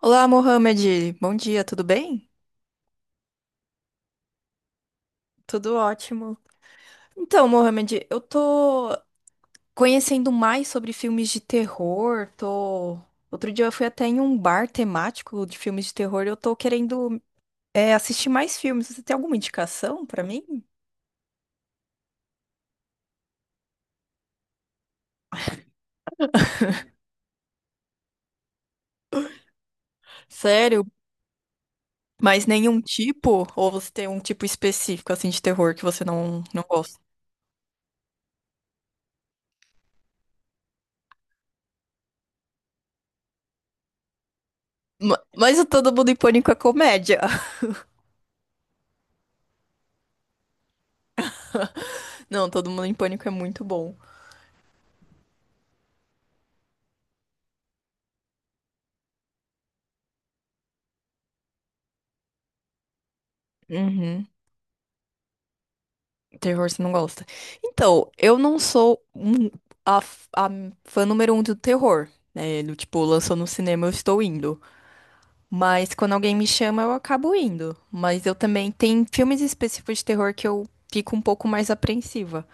Olá, Mohamed. Bom dia, tudo bem? Tudo ótimo. Então, Mohamed, eu tô conhecendo mais sobre filmes de terror. Tô... Outro dia eu fui até em um bar temático de filmes de terror. Eu tô querendo, assistir mais filmes. Você tem alguma indicação pra mim? Sério? Mas nenhum tipo? Ou você tem um tipo específico assim de terror que você não gosta? Mas o Todo Mundo em Pânico é comédia. Não, Todo Mundo em Pânico é muito bom. Uhum. Terror você não gosta. Então, eu não sou um- a, f- a fã número um do terror, né? Do tipo, lançou no cinema, eu estou indo. Mas quando alguém me chama, eu acabo indo. Mas eu também tem filmes específicos de terror que eu fico um pouco mais apreensiva.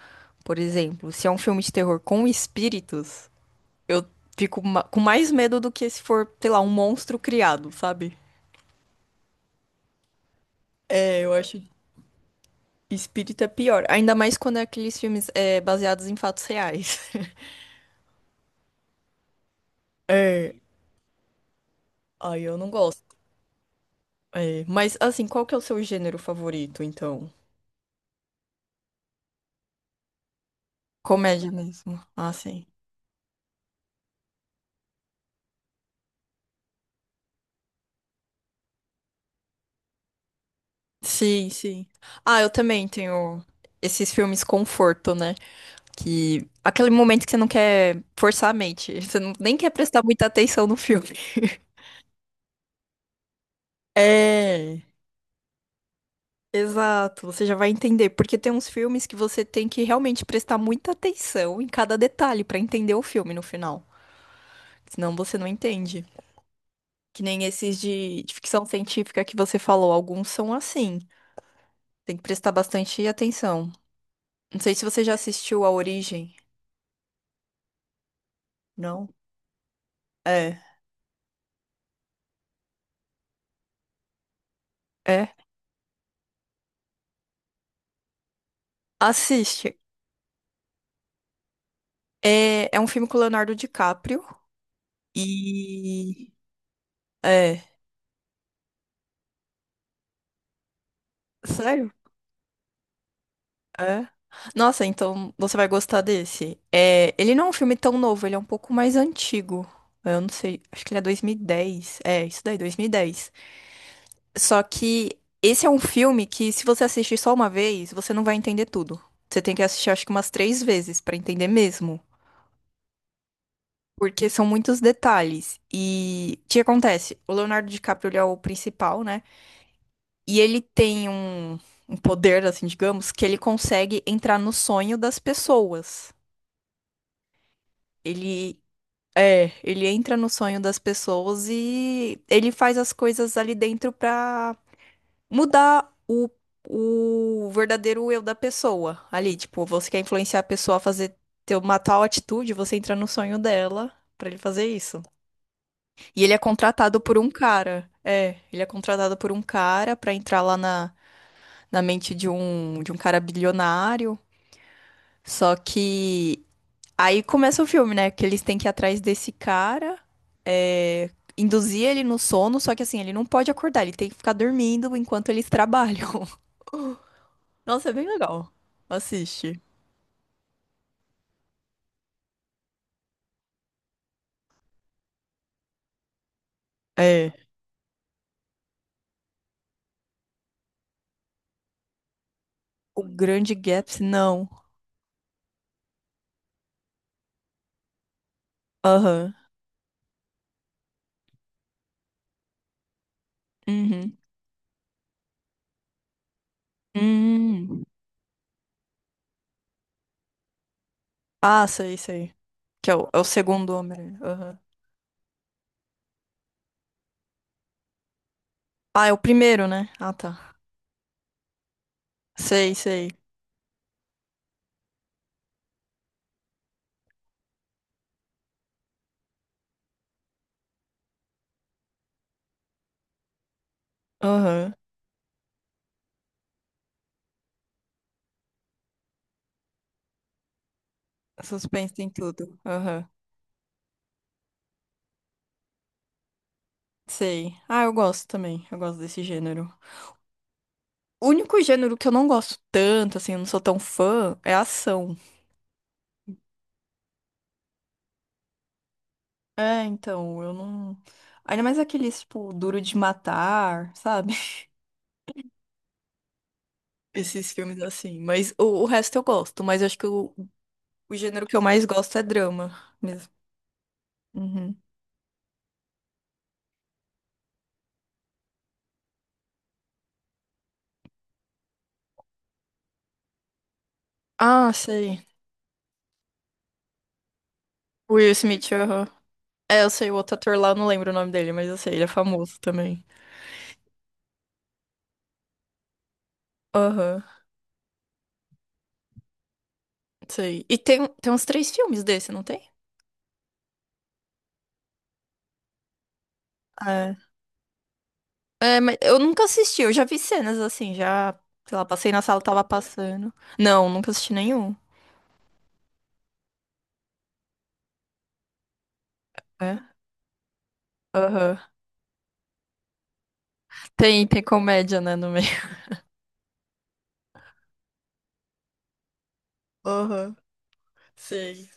Por exemplo, se é um filme de terror com espíritos, eu fico com mais medo do que se for, sei lá, um monstro criado, sabe? É, eu acho espírito é pior. Ainda mais quando é aqueles filmes baseados em fatos reais. É. Ai, eu não gosto. É, mas assim, qual que é o seu gênero favorito, então? Comédia mesmo. Ah, sim. Sim, sim. Ah, eu também tenho esses filmes conforto, né? Que aquele momento que você não quer forçar a mente, você não, nem quer prestar muita atenção no filme. É, exato, você já vai entender, porque tem uns filmes que você tem que realmente prestar muita atenção em cada detalhe pra entender o filme no final, senão você não entende. Que nem esses de ficção científica que você falou, alguns são assim. Tem que prestar bastante atenção. Não sei se você já assistiu A Origem. Não? É. É. Assiste. É, é um filme com o Leonardo DiCaprio. E. É. Sério? É. Nossa, então você vai gostar desse. É, ele não é um filme tão novo, ele é um pouco mais antigo. Eu não sei, acho que ele é 2010. É, isso daí, 2010. Só que esse é um filme que, se você assistir só uma vez, você não vai entender tudo. Você tem que assistir, acho que umas três vezes pra entender mesmo. Porque são muitos detalhes. E o que acontece? O Leonardo DiCaprio, ele é o principal, né? E ele tem um poder, assim, digamos, que ele consegue entrar no sonho das pessoas. Ele. É, ele entra no sonho das pessoas e ele faz as coisas ali dentro pra mudar o verdadeiro eu da pessoa ali. Tipo, você quer influenciar a pessoa a fazer ter uma tal atitude, você entra no sonho dela pra ele fazer isso. E ele é contratado por um cara. É, ele é contratado por um cara pra entrar lá na, na mente de um cara bilionário. Só que aí começa o filme, né? Que eles têm que ir atrás desse cara. é, Induzir ele no sono, só que assim, ele não pode acordar, ele tem que ficar dormindo enquanto eles trabalham. Nossa, é bem legal. Assiste. É. O Grande Gatsby, não. Aham. Uhum. Hum. Ah, sei, sei. Que é é o segundo homem. Aham. Ah, é o primeiro, né? Ah, tá. Sei, sei. Aham. Suspense tem tudo. Aham. Sei. Ah, eu gosto também. Eu gosto desse gênero. O único gênero que eu não gosto tanto, assim, eu não sou tão fã, é ação. É, então, eu não. Ainda mais aqueles, tipo, duro de matar, sabe? Esses filmes assim. Mas o resto eu gosto. Mas eu acho que o gênero que eu mais gosto é drama mesmo. Uhum. Ah, sei. Will Smith, aham. É, eu sei, o outro ator lá, eu não lembro o nome dele, mas eu sei, ele é famoso também. Aham, sei. E tem uns três filmes desse, não tem? É. É, mas eu nunca assisti, eu já vi cenas assim, já, sei lá, passei na sala, tava passando. Não, nunca assisti nenhum. É? Aham. Tem comédia, né, no meio. Aham, sei.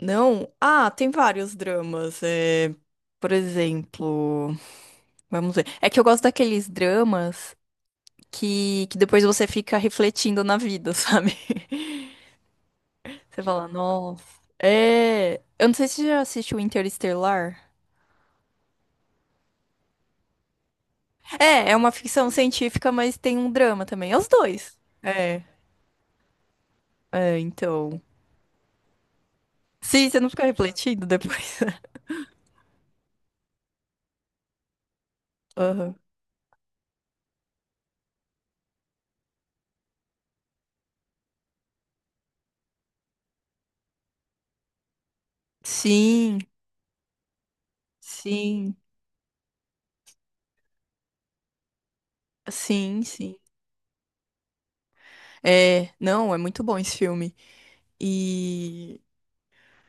Não? Ah, tem vários dramas. É, por exemplo, vamos ver. É que eu gosto daqueles dramas que depois você fica refletindo na vida, sabe? Você fala, nossa. É. Eu não sei se você já assistiu Interestelar. É, é uma ficção científica, mas tem um drama também. É os dois. Então. Sim, você não fica refletindo depois. Aham. Sim, sim, sim, sim. É, não, é muito bom esse filme. E.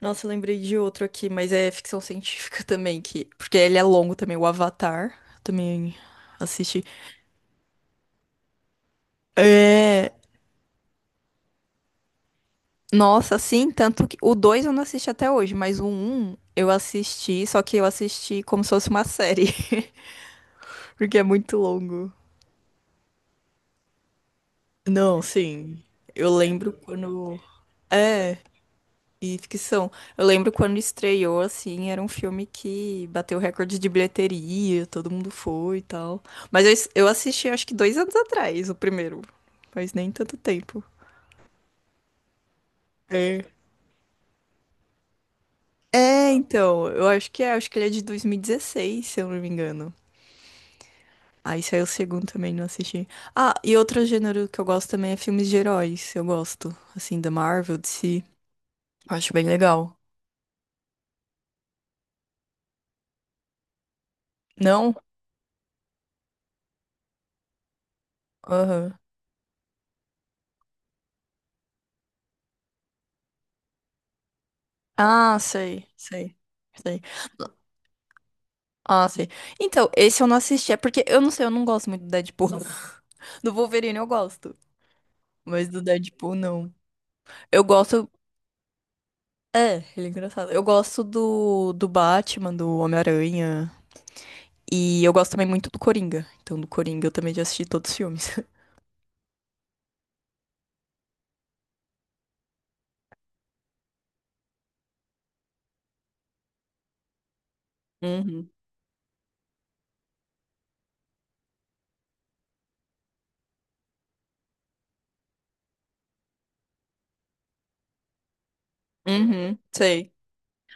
Nossa, eu lembrei de outro aqui, mas é ficção científica também, que. Porque ele é longo também, o Avatar. Também assisti. É. Nossa, sim, tanto que. O 2 eu não assisti até hoje, mas o um eu assisti, só que eu assisti como se fosse uma série. Porque é muito longo. Não, sim. Eu lembro quando. É. E ficção. Eu lembro quando estreou, assim, era um filme que bateu recorde de bilheteria, todo mundo foi e tal. Mas eu, eu assisti acho que 2 anos atrás, o primeiro. Faz nem tanto tempo. É. É, então, eu acho que é, acho que ele é de 2016 se eu não me engano. Aí saiu o segundo também, não assisti. Ah, e outro gênero que eu gosto também é filmes de heróis. Eu gosto, assim, da Marvel, DC. Acho bem legal. Não? Aham. Ah, sei, sei, sei. Ah, sei. Então, esse eu não assisti. É porque eu não sei, eu não gosto muito do Deadpool. Do Wolverine eu gosto, mas do Deadpool não. Eu gosto. É, ele é engraçado. Eu gosto do Batman, do Homem-Aranha. E eu gosto também muito do Coringa. Então, do Coringa eu também já assisti todos os filmes. Uhum. Uhum, sei.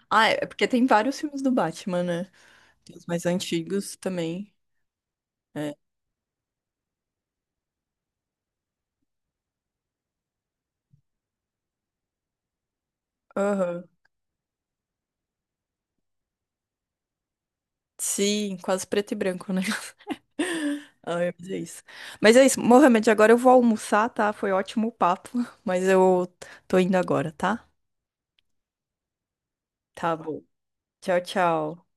Ah, é porque tem vários filmes do Batman, né? Tem os mais antigos também. É. Aham. Sim, quase preto e branco, né? Ai, mas é isso. Mas é isso, Mohamed, agora eu vou almoçar, tá? Foi ótimo o papo, mas eu tô indo agora, tá? Tá bom. Tchau, tchau.